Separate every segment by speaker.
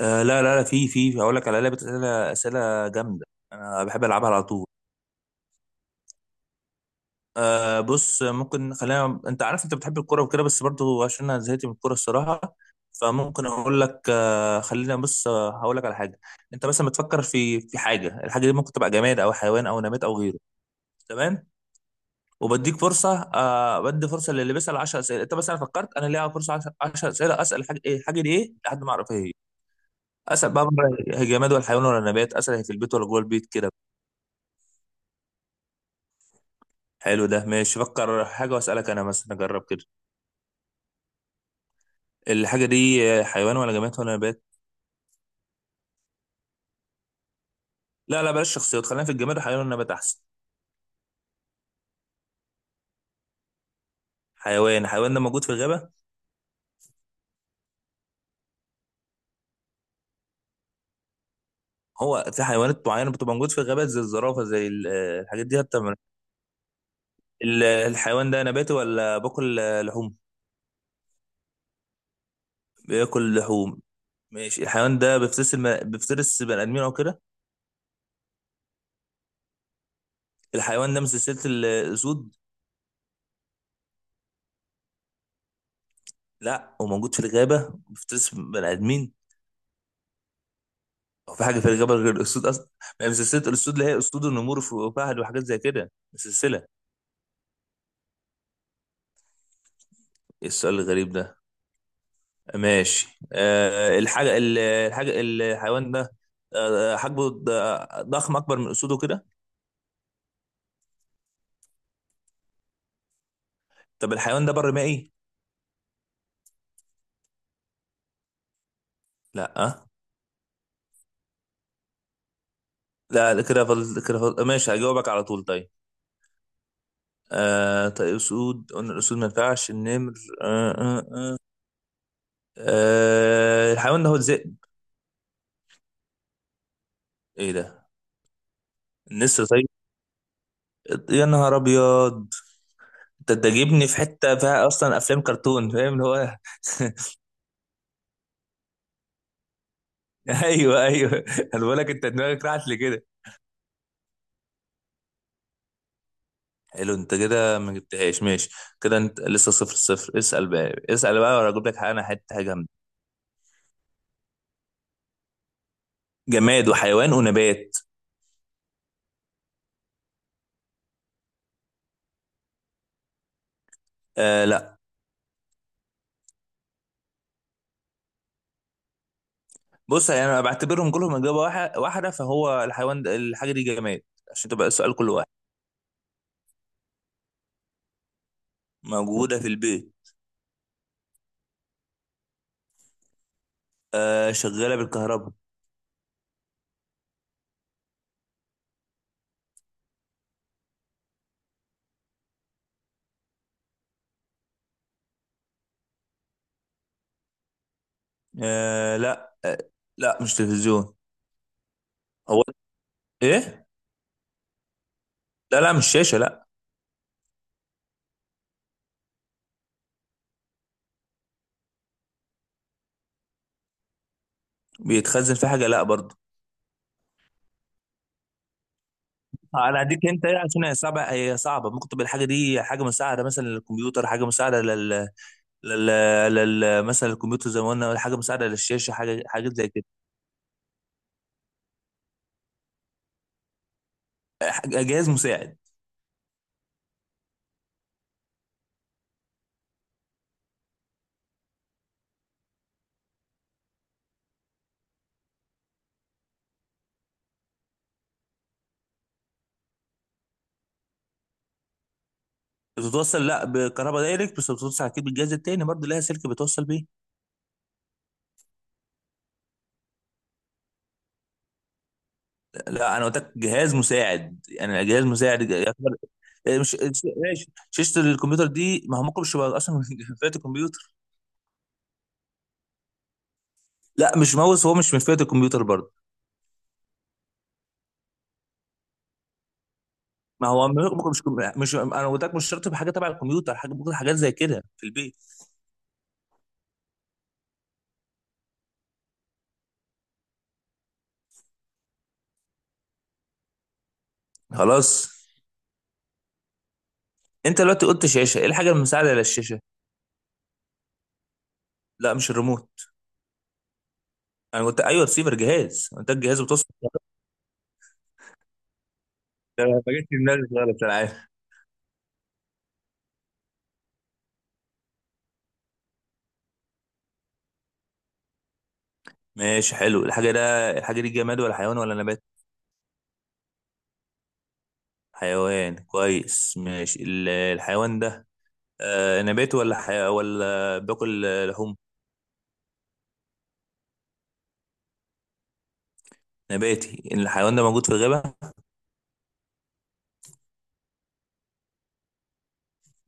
Speaker 1: لا لا لا، في هقول لك على لعبه اسئله اسئله جامده. انا بحب العبها على طول. بص، ممكن خلينا، انت عارف انت بتحب الكوره وكده، بس برضو عشان انا زهقت من الكوره الصراحه. فممكن اقول لك، آه خلينا بص آه، هقول لك على حاجه. انت مثلا بتفكر في حاجه، الحاجه دي ممكن تبقى جماد او حيوان او نبات او غيره. تمام؟ وبديك فرصه. آه، بدي فرصه للي بيسال 10 اسئله. انت مثلا فكرت، انا ليا فرصه 10 اسئله اسال الحاجه ايه، الحاجه دي ايه، لحد ما اعرف ايه هي. إيه. اسال بقى، بره؟ هي جماد ولا حيوان ولا نبات؟ اسال هي في البيت ولا جوه البيت كده. حلو، ده ماشي. فكر حاجة واسألك أنا مثلا، أجرب كده. الحاجة دي حيوان ولا جماد ولا نبات؟ لا لا، بلاش شخصيات، خلينا في الجماد والحيوان والنبات أحسن. حيوان. الحيوان ده موجود في الغابة؟ هو في حيوانات معينة بتبقى موجود في الغابات زي الزرافة، زي الحاجات دي حتى الحيوان ده نباتي ولا باكل لحوم؟ بياكل لحوم. ماشي، الحيوان ده بيفترس بيفترس بني آدمين أو كده؟ الحيوان ده من سلسلة الأسود؟ لا هو موجود في الغابة بيفترس بني آدمين. هو في حاجه في الجبل غير الاسود اصلا؟ ما هي من سلسله الاسود اللي هي اسود، النمور، وفهد، وحاجات زي كده. سلسله. ايه السؤال الغريب ده؟ ماشي، أه، الحاجه الحاجه الحيوان ده، أه، حجمه ضخم، اكبر من اسوده كده؟ طب الحيوان ده بر مائي؟ لا أه؟ لا لا، كده فضل، كده فضل ماشي هجاوبك على طول. طيب، أه طيب، اسود قلنا، الاسود ما ينفعش، النمر، أه أه أه. أه، الحيوان ده هو الذئب؟ ايه ده! النسر طيب. يا نهار ابيض، ده ده جايبني في حته فيها اصلا افلام كرتون، فاهم اللي هو ايوه ايوه. انا بقول لك انت دماغك راحت لكده. حلو، انت كده ما جبتهاش ماشي. كده انت لسه صفر صفر. اسال بقى، اسال بقى، ولا اجيب لك حاجه؟ انا حته حاجه جامده. جماد وحيوان ونبات. آه لا. بص يعني انا بعتبرهم كلهم اجابه واحده، فهو الحيوان ده، الحاجه دي جماد، عشان تبقى السؤال كل واحد. موجوده في البيت. آه، شغاله بالكهرباء. آه لا آه، لا مش تلفزيون. هو ايه؟ لا لا، مش شاشه، لا. بيتخزن في حاجه؟ لا برضه. انا اديك انت ايه، عشان هي صعبه، هي صعبه. ممكن تبقى الحاجه دي حاجه مساعده مثلا للكمبيوتر، حاجه مساعده لل... لل... مثلا الكمبيوتر زي ما قلنا، حاجه مساعده للشاشه، حاجه، حاجات زي كده. جهاز مساعد. بتتوصل لا بكهرباء دايركت، بس بتتوصل اكيد بالجهاز التاني برضه، لها سلك بتوصل بيه. لا انا قلت لك جهاز مساعد، يعني جهاز مساعد يعتبر. إيه، مش ش- ماشي، شاشه الكمبيوتر دي ما هو ممكن مش يبقى اصلا من فئه الكمبيوتر. لا مش ماوس، هو مش من فئه الكمبيوتر برضه. ما هو ممكن، مش انا قلت لك مش شرط بحاجه تبع الكمبيوتر، حاجه ممكن، حاجات زي كده في البيت. خلاص. انت دلوقتي قلت شاشه، ايه الحاجه المساعده على الشاشه؟ لا مش الريموت. انا قلت ايوه، رسيفر، جهاز، انت الجهاز بتوصل. ده ما جاتش في دماغي خالص، انا عارف. ماشي، حلو. الحاجه ده الحاجه دي جماد ولا حيوان ولا نبات؟ حيوان، كويس. ماشي، الحيوان ده، آه، نباتي ولا ولا باكل، آه، لحوم؟ نباتي. الحيوان ده موجود في الغابه؟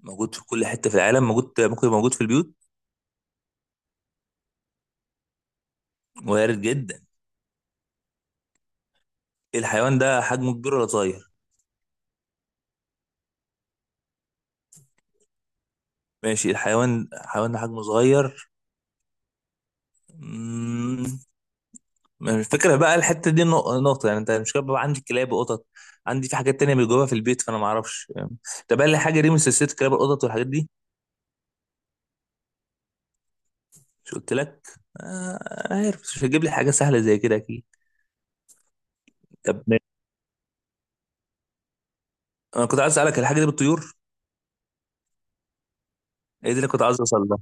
Speaker 1: موجود في كل حته في العالم، موجود، ممكن يبقى موجود في البيوت. وارد جدا. الحيوان ده حجمه كبير ولا صغير؟ ماشي، الحيوان ده حجمه صغير. مم، الفكرة بقى الحتة دي نقطة، يعني انت مش بقى عندي كلاب وقطط، عندي في حاجات تانية بيجوها في البيت، فانا ما اعرفش. طب قال لي حاجة دي من سلسلة كلاب، القطط والحاجات دي؟ مش قلت لك؟ آه عارف مش هتجيب لي حاجة سهلة زي كده اكيد. طب ماشي. انا كنت عايز اسألك الحاجة دي بتطير. ايه دي اللي كنت عايز اوصل لها.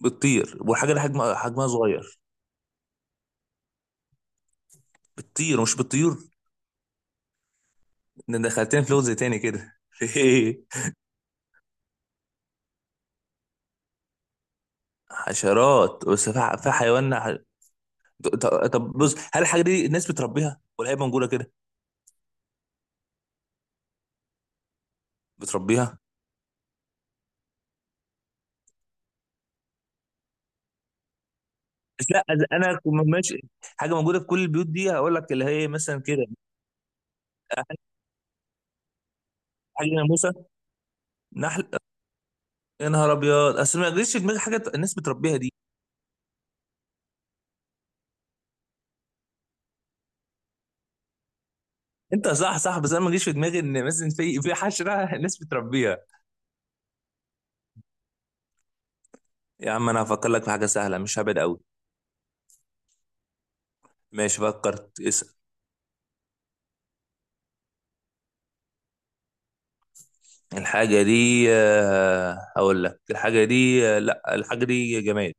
Speaker 1: بتطير، والحاجة دي حجمها، حجمها صغير. بتطير، مش بتطير. ده دخلتني في لغز تاني كده حشرات، بس في في حيوان ط- طب بص، هل الحاجه دي الناس بتربيها، ولا هي موجوده كده؟ بتربيها. بس لا انا كنت ماشي حاجه موجوده في كل البيوت دي، هقول لك اللي هي مثلا كده. حاجه، ناموسه؟ نحل. يا نهار ابيض، اصل ما جريش في دماغي حاجه الناس بتربيها دي. انت صح صح، بس انا ما جريش في دماغي ان مثلا في حشره الناس بتربيها. يا عم انا هفكر لك في حاجه سهله، مش هبعد قوي. ماشي فكرت، اسال. الحاجه دي، هقول لك الحاجه دي، لا الحاجه دي جماد.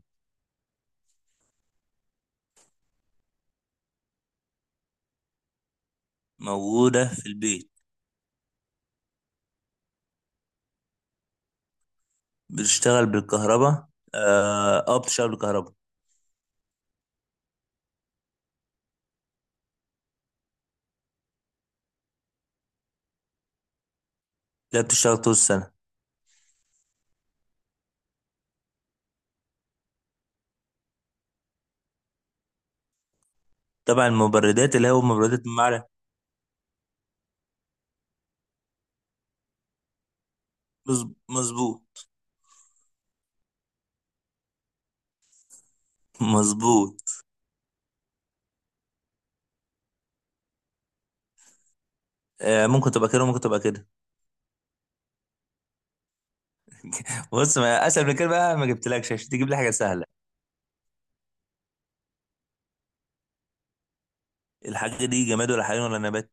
Speaker 1: موجودة في البيت. بتشتغل بالكهرباء. بتشتغل بالكهرباء. لا بتشتغل طول السنة. تبع المبردات، اللي هو مبردات المعدن. مظبوط. مظبوط. آه ممكن تبقى كده وممكن تبقى كده. بص، ما اسهل من كده بقى، ما جبتلكش عشان تجيب لي حاجة سهلة. الحاجة دي جماد ولا حيوان ولا نبات؟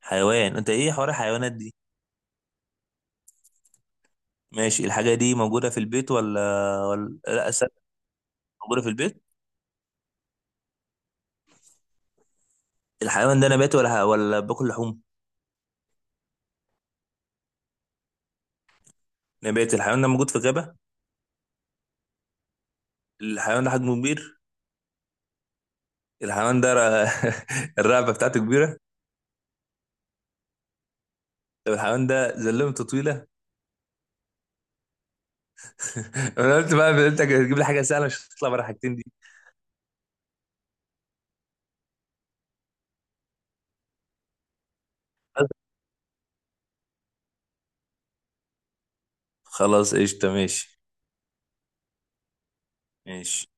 Speaker 1: حيوان. انت ايه حوار الحيوانات دي؟ ماشي، الحاجة دي موجودة في البيت ولا ولا، لا أسد. موجودة في البيت. الحيوان ده نبات ولا، ولا باكل لحوم؟ نبات. الحيوان ده موجود في غابة. الحيوان ده حجمه كبير. الحيوان ده الرقبه بتاعته كبيره. طب الحيوان ده زلمته طويله انا قلت بقى انت هتجيب لي حاجه سهله، مش هتطلع بره الحاجتين دي. خلاص قشطه، ماشي. ماشي